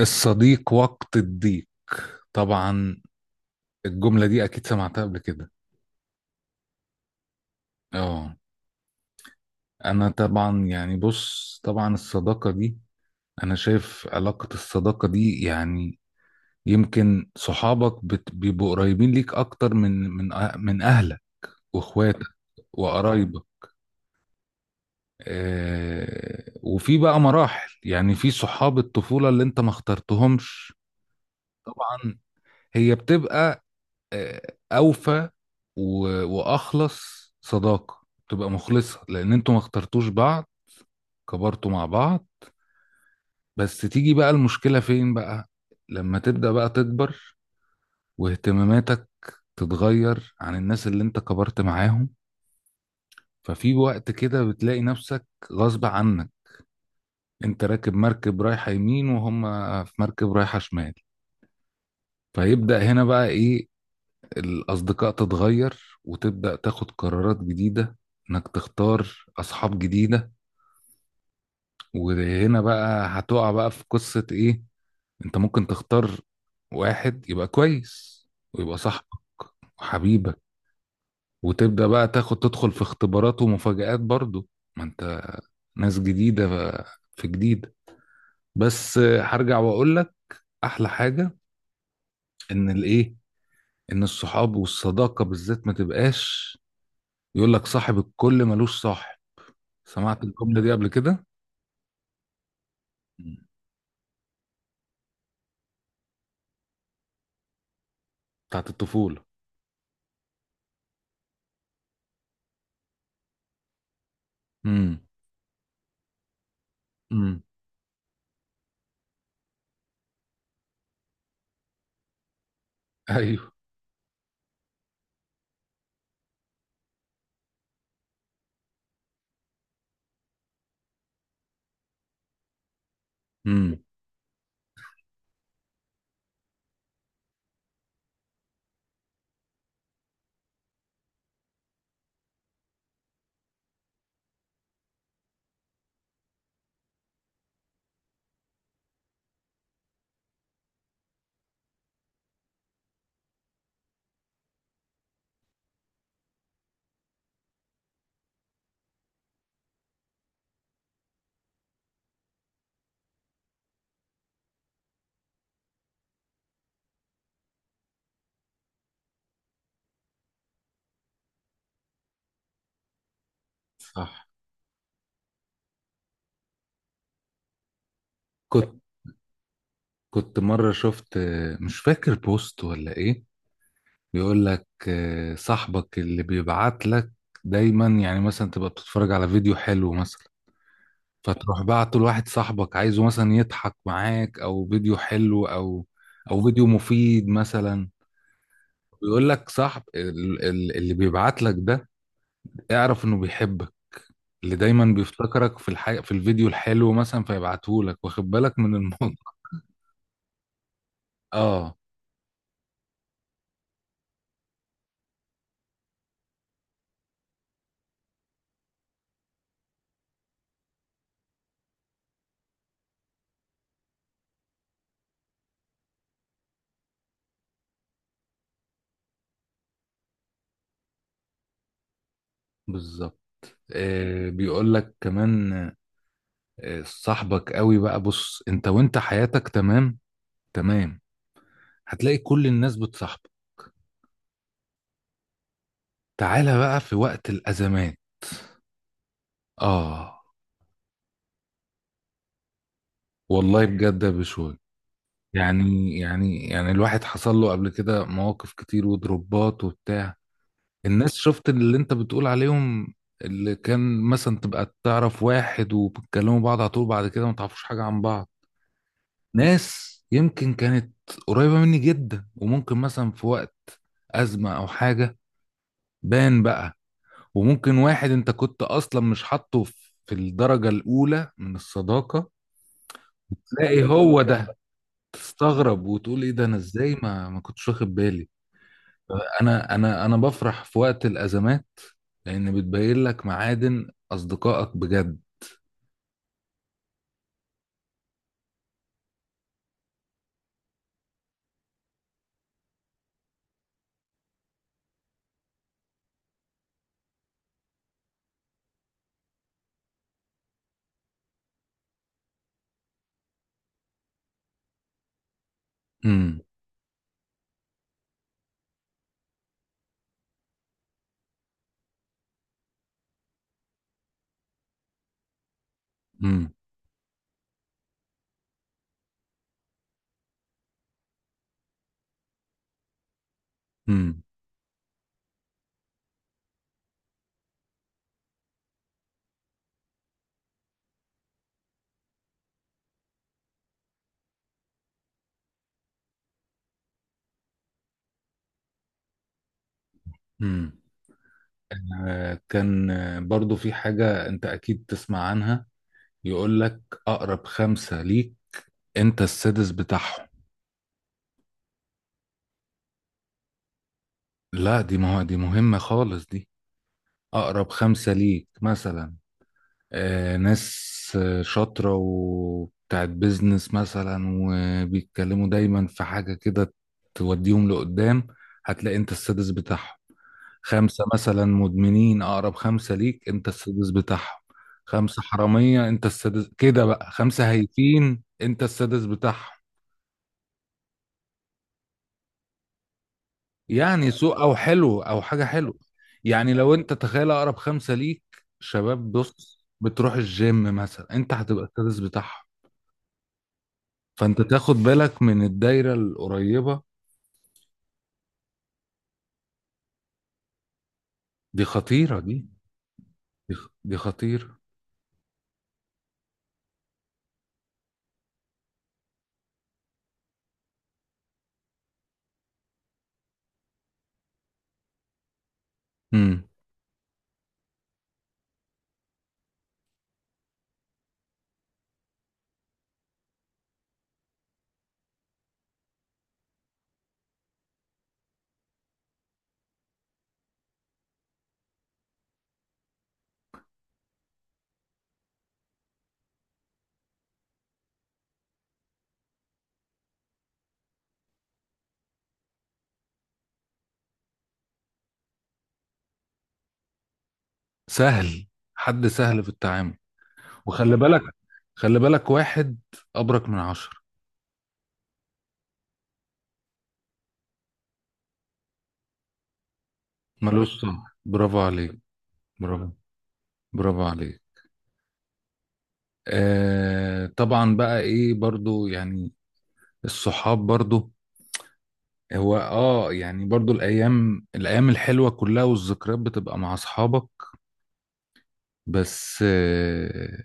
الصديق وقت الضيق. طبعا. الجملة دي أكيد سمعتها قبل كده. اه، أنا طبعا يعني بص طبعا الصداقة دي، أنا شايف علاقة الصداقة دي يعني يمكن صحابك بيبقوا قريبين ليك أكتر من أهلك وإخواتك وقرايبك. وفي بقى مراحل، يعني في صحاب الطفولة اللي أنت ما اخترتهمش. طبعا. هي بتبقى آه، اوفى واخلص صداقه. تبقى مخلصه لان انتوا ما اخترتوش بعض، كبرتوا مع بعض. بس تيجي بقى المشكله فين بقى؟ لما تبدا بقى تكبر واهتماماتك تتغير عن الناس اللي انت كبرت معاهم، ففي وقت كده بتلاقي نفسك غصب عنك انت راكب مركب رايحه يمين وهم في مركب رايحه شمال. فيبدا هنا بقى ايه؟ الأصدقاء تتغير، وتبدأ تاخد قرارات جديدة إنك تختار أصحاب جديدة. وهنا بقى هتقع بقى في قصة إيه؟ أنت ممكن تختار واحد يبقى كويس ويبقى صاحبك وحبيبك، وتبدأ بقى تاخد تدخل في اختبارات ومفاجآت برضو. ما أنت ناس جديدة في جديد. بس هرجع وأقول لك أحلى حاجة، إن الإيه، إن الصحاب والصداقة بالذات ما تبقاش يقول لك صاحب الكل ملوش صاحب. سمعت الجملة دي قبل كده؟ مم. بتاعت الطفولة. امم. امم. ايوه. امم. صح. كنت كنت مرة شفت، مش فاكر بوست ولا ايه، بيقول لك صاحبك اللي بيبعت لك دايما، يعني مثلا تبقى بتتفرج على فيديو حلو مثلا فتروح بعته لواحد صاحبك، عايزه مثلا يضحك معاك او فيديو حلو او فيديو مفيد مثلا. بيقول لك صاحب اللي بيبعت لك ده، اعرف انه بيحبك، اللي دايما بيفتكرك في الفيديو الحلو مثلا فيبعتهولك واخد بالك من الموضوع. اه. بالظبط. بيقول لك كمان، صاحبك قوي بقى، بص انت وانت حياتك تمام تمام، هتلاقي كل الناس بتصاحبك. تعالى بقى في وقت الأزمات. اه. والله بجد يا بشوي. يعني الواحد حصل له قبل كده مواقف كتير وضربات وبتاع. الناس شفت اللي انت بتقول عليهم، اللي كان مثلا تبقى تعرف واحد وبتكلموا بعض على طول، بعد كده ما تعرفوش حاجة عن بعض. ناس يمكن كانت قريبة مني جدا، وممكن مثلا في وقت أزمة أو حاجة بان بقى. وممكن واحد انت كنت أصلا مش حاطه في الدرجة الأولى من الصداقة، تلاقي هو ده. تستغرب وتقول ايه ده، انا ازاي ما كنتش واخد بالي. انا بفرح في وقت الأزمات لان بتبين لك معادن اصدقائك بجد. امم. امم. امم. امم. كان برضو في حاجة انت اكيد تسمع عنها، يقول لك اقرب خمسة ليك انت السادس بتاعهم. لا، دي ما هو دي مهمة خالص دي. اقرب خمسة ليك مثلا ناس شاطرة وبتاعت بيزنس مثلا، وبيتكلموا دايما في حاجة كده توديهم لقدام، هتلاقي انت السادس بتاعهم. خمسة مثلا مدمنين أقرب خمسة ليك أنت السادس بتاعهم. خمسة حرامية أنت السادس كده بقى. خمسة هايفين أنت السادس بتاعهم. يعني سوء أو حلو أو حاجة حلوة، يعني لو أنت تخيل أقرب خمسة ليك شباب بص بتروح الجيم مثلا، أنت هتبقى السادس بتاعهم. فأنت تاخد بالك من الدايرة القريبة. دي خطيرة دي. دي خطيرة. امم. سهل. حد سهل في التعامل. وخلي بالك، خلي بالك واحد أبرك من عشرة ملوش سمع. برافو عليك. برافو. برافو عليك. طبعا بقى إيه برضو يعني الصحاب برضو، هو يعني برضو الأيام الأيام الحلوة كلها والذكريات بتبقى مع أصحابك. بس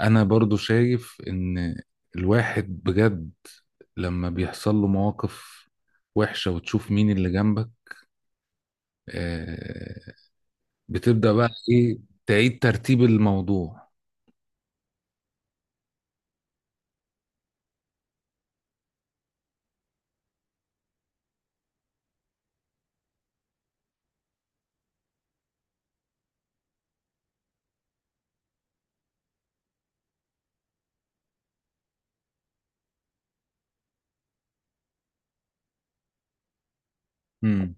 أنا برضو شايف إن الواحد بجد لما بيحصل له مواقف وحشة وتشوف مين اللي جنبك، آه، بتبدأ بقى ايه؟ تعيد ترتيب الموضوع. امم.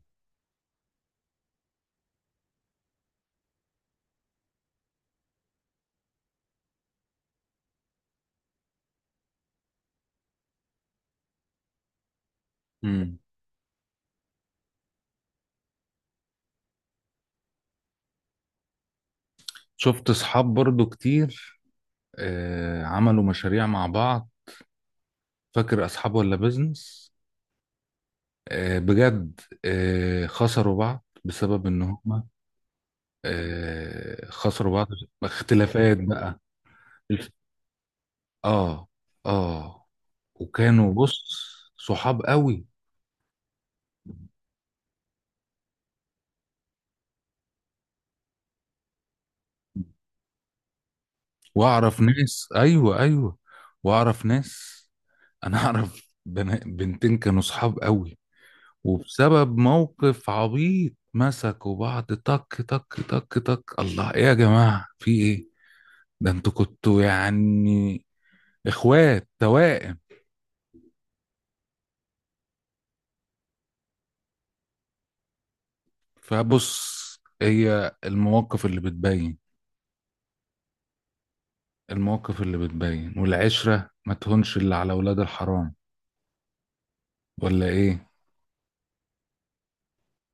امم. شفت اصحاب برضو كتير عملوا مشاريع مع بعض، فاكر اصحاب ولا بيزنس؟ بجد، خسروا بعض بسبب ان هم، خسروا بعض. اختلافات بقى. اه. اه. وكانوا بص صحاب قوي. واعرف ناس، ايوه ايوه، واعرف ناس. انا اعرف بنتين كانوا صحاب قوي، وبسبب موقف عبيط مسكوا بعض تك تك تك تك. الله، ايه يا جماعة، في ايه؟ ده انتوا كنتوا يعني اخوات توائم. فبص، هي المواقف اللي بتبين. المواقف اللي بتبين، والعشرة ما تهونش اللي على ولاد الحرام ولا ايه؟